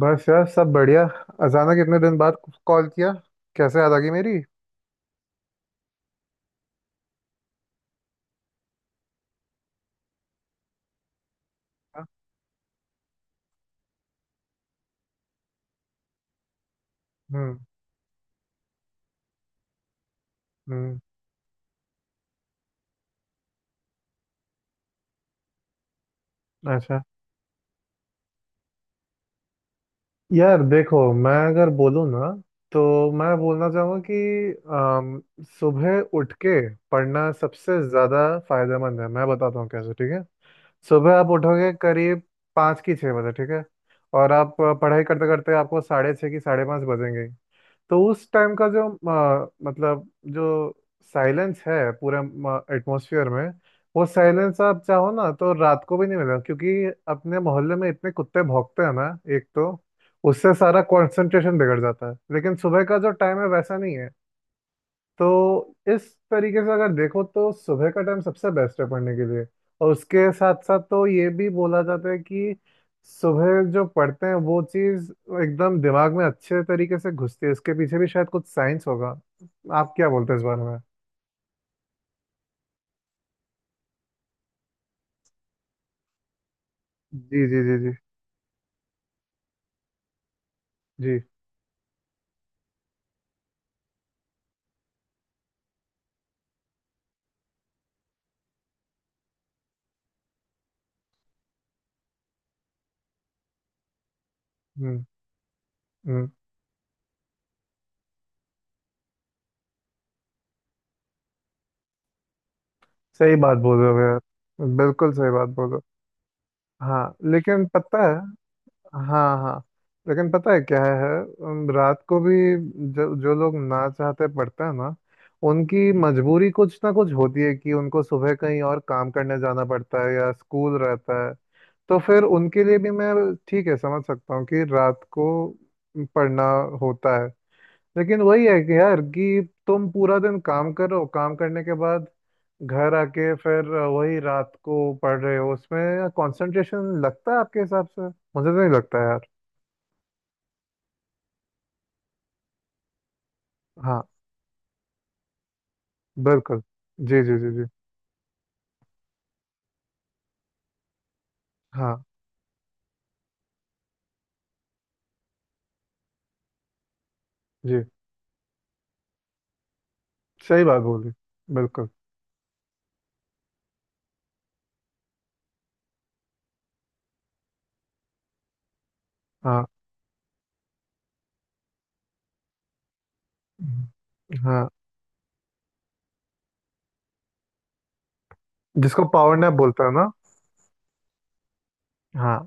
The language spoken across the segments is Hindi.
बस यार, सब बढ़िया। अचानक इतने दिन बाद कॉल किया, कैसे याद आ गई मेरी? हाँ। हम्म। हम्म। अच्छा, यार देखो, मैं अगर बोलूँ ना, तो मैं बोलना चाहूँगा कि सुबह उठ के पढ़ना सबसे ज़्यादा फायदेमंद है। मैं बताता हूँ कैसे, ठीक है। सुबह आप उठोगे करीब पाँच की छः बजे, ठीक है। और आप पढ़ाई करते करते आपको साढ़े छः की साढ़े पाँच बजेंगे। तो उस टाइम का जो मतलब, जो साइलेंस है पूरे एटमॉस्फेयर में, वो साइलेंस आप चाहो ना तो रात को भी नहीं मिलेगा। क्योंकि अपने मोहल्ले में इतने कुत्ते भौंकते हैं ना, एक तो उससे सारा कंसंट्रेशन बिगड़ जाता है। लेकिन सुबह का जो टाइम है, वैसा नहीं है। तो इस तरीके से अगर देखो तो सुबह का टाइम सबसे बेस्ट है पढ़ने के लिए। और उसके साथ साथ तो ये भी बोला जाता है कि सुबह जो पढ़ते हैं, वो चीज़ एकदम दिमाग में अच्छे तरीके से घुसती है। इसके पीछे भी शायद कुछ साइंस होगा। आप क्या बोलते हैं इस बारे में? जी जी जी जी। जी। हम्म। हम्म। सही बात बोल रहे हो यार। बिल्कुल सही बात बोल रहे हो। हाँ, लेकिन पता है। हाँ हाँ, लेकिन पता है क्या है। रात को भी जो जो लोग ना चाहते पढ़ते हैं ना, उनकी मजबूरी कुछ ना कुछ होती है कि उनको सुबह कहीं और काम करने जाना पड़ता है या स्कूल रहता है। तो फिर उनके लिए भी मैं ठीक है, समझ सकता हूँ कि रात को पढ़ना होता है। लेकिन वही है कि यार, कि तुम पूरा दिन काम करो, काम करने के बाद घर आके फिर वही रात को पढ़ रहे हो, उसमें कंसंट्रेशन लगता है आपके हिसाब से? मुझे तो नहीं लगता यार। हाँ। बिल्कुल। जी जी जी जी। हाँ। जी। सही बात बोली। बिल्कुल। हाँ हाँ। जिसको पावर नैप बोलते हैं ना। हाँ।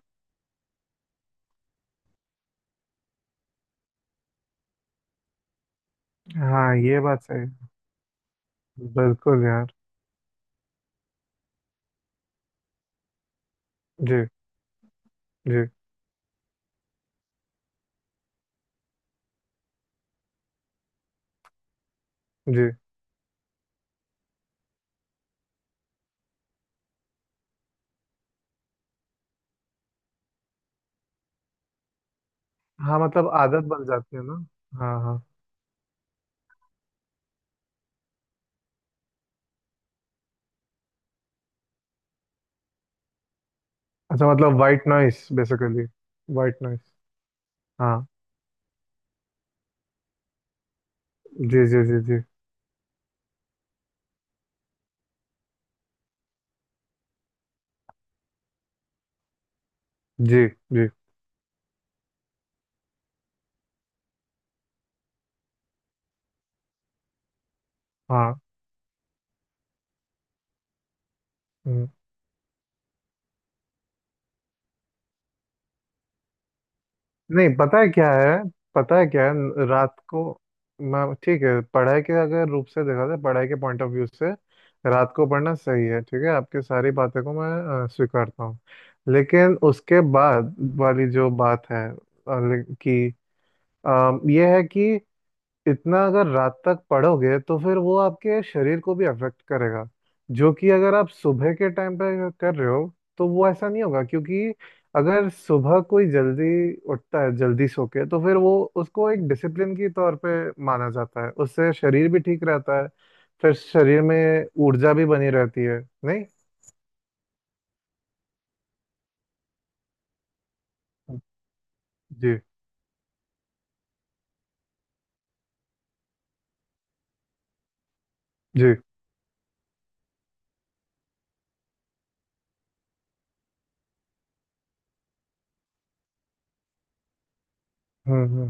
हाँ ये बात सही है। बिल्कुल यार। जी जी जी। हाँ, मतलब आदत बन जाती है ना। हाँ हाँ। अच्छा, मतलब white noise basically. White noise. हाँ। जी जी जी जी जी जी। हाँ। हम्म। नहीं, पता है क्या है। पता है क्या है, रात को मैं ठीक है, पढ़ाई के अगर रूप से देखा जाए, पढ़ाई के पॉइंट ऑफ व्यू से रात को पढ़ना सही है, ठीक है। आपकी सारी बातें को मैं स्वीकारता हूँ। लेकिन उसके बाद वाली जो बात है कि अ, ये है कि इतना अगर रात तक पढ़ोगे तो फिर वो आपके शरीर को भी अफेक्ट करेगा। जो कि अगर आप सुबह के टाइम पे अगर कर रहे हो तो वो ऐसा नहीं होगा, क्योंकि अगर सुबह कोई जल्दी उठता है, जल्दी सो के, तो फिर वो, उसको एक डिसिप्लिन की तौर पे माना जाता है, उससे शरीर भी ठीक रहता है, फिर शरीर में ऊर्जा भी बनी रहती है, नहीं? जी जी। हम्म।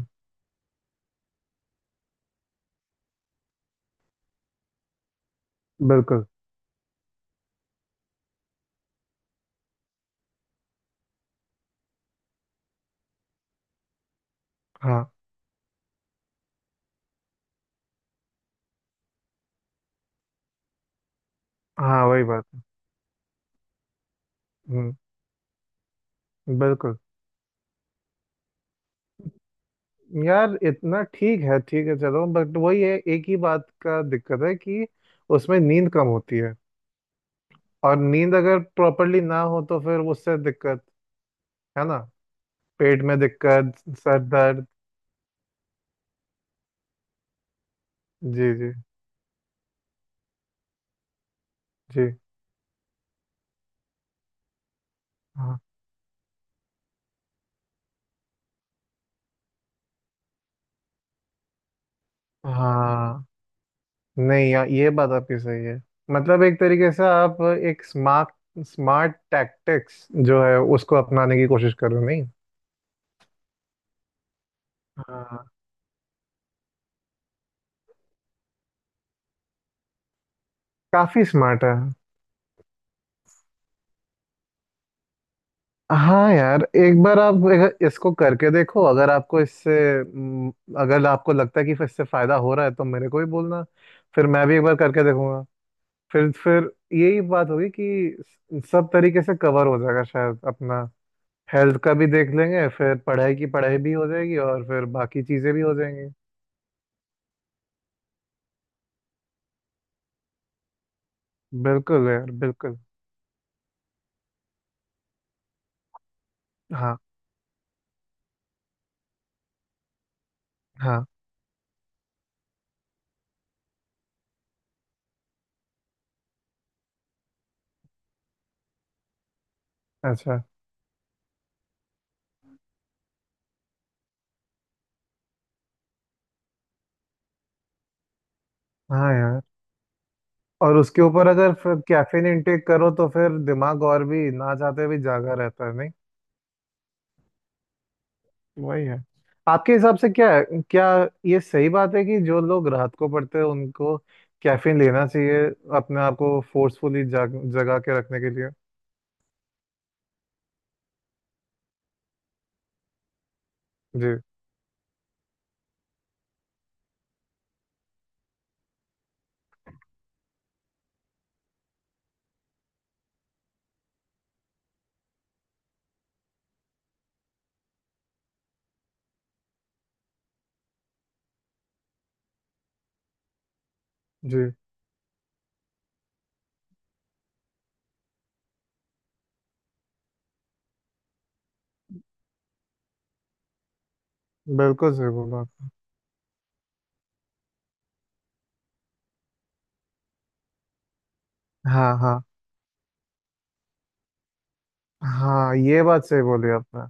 बिल्कुल। हाँ हाँ, वही बात है। हम्म। बिल्कुल यार, इतना ठीक है, ठीक है, चलो, बट वही है, एक ही बात का दिक्कत है कि उसमें नींद कम होती है, और नींद अगर प्रॉपरली ना हो तो फिर उससे दिक्कत है ना, पेट में दिक्कत, सर दर्द। जी जी जी। हाँ हाँ। नहीं यार, ये बात आपकी सही है। मतलब एक तरीके से आप एक स्मार्ट स्मार्ट टैक्टिक्स जो है, उसको अपनाने की कोशिश कर रहे हो, नहीं? हाँ, काफी स्मार्ट है। हाँ यार, एक बार आप अगर इसको करके देखो, अगर आपको इससे, हम्म, अगर आपको लगता है कि इससे फायदा हो रहा है तो मेरे को भी बोलना, फिर मैं भी एक बार करके देखूंगा। फिर यही बात होगी कि सब तरीके से कवर हो जाएगा शायद अपना। हेल्थ का भी देख लेंगे, फिर पढ़ाई की पढ़ाई भी हो जाएगी, और फिर बाकी चीजें भी हो जाएंगी। बिल्कुल यार, बिल्कुल। हाँ हाँ। अच्छा। हाँ यार, और उसके ऊपर अगर फिर कैफीन इनटेक करो तो फिर दिमाग और भी ना चाहते भी जागा रहता है, नहीं? वही है। आपके हिसाब से क्या है? क्या ये सही बात है कि जो लोग रात को पढ़ते हैं उनको कैफीन लेना चाहिए, अपने आप को फोर्सफुली जाग जगा के रखने के लिए? जी जी। बिल्कुल सही बोला। हाँ हाँ हाँ, ये बात सही बोली आपने।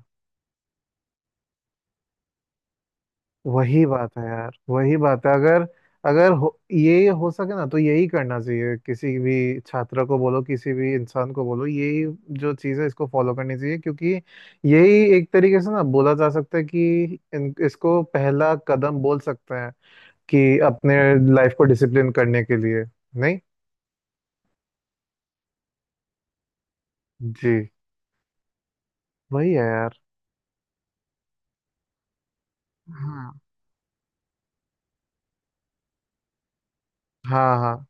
वही बात है यार, वही बात है, अगर अगर हो, ये हो सके ना तो यही करना चाहिए, किसी भी छात्र को बोलो, किसी भी इंसान को बोलो, यही जो चीज़ है इसको फॉलो करनी चाहिए। क्योंकि यही एक तरीके से ना बोला जा सकता है कि इसको पहला कदम बोल सकते हैं, कि अपने लाइफ को डिसिप्लिन करने के लिए, नहीं? जी। वही है यार। हाँ हाँ हाँ।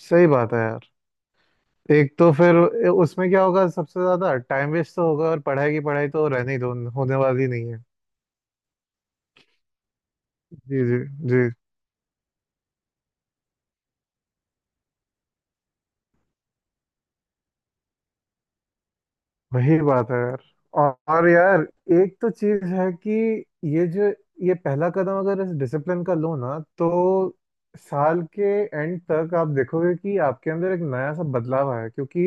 सही बात है यार। एक तो फिर उसमें क्या होगा, सबसे ज्यादा टाइम वेस्ट तो होगा और पढ़ाई की पढ़ाई तो रहने ही दो, होने वाली नहीं है। जी जी जी। वही बात है यार। और यार, एक तो चीज है कि ये जो ये पहला कदम अगर इस डिसिप्लिन का लो ना, तो साल के एंड तक आप देखोगे कि आपके अंदर एक नया सा बदलाव आया है, क्योंकि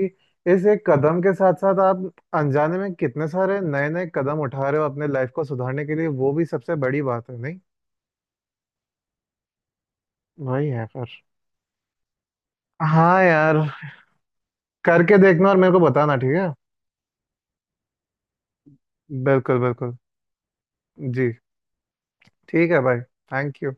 इस एक कदम के साथ साथ आप अनजाने में कितने सारे नए नए कदम उठा रहे हो अपने लाइफ को सुधारने के लिए, वो भी सबसे बड़ी बात है, नहीं? वही है। हाँ यार, करके देखना और मेरे को बताना, ठीक है। बिल्कुल बिल्कुल। जी। ठीक है भाई। Thank you.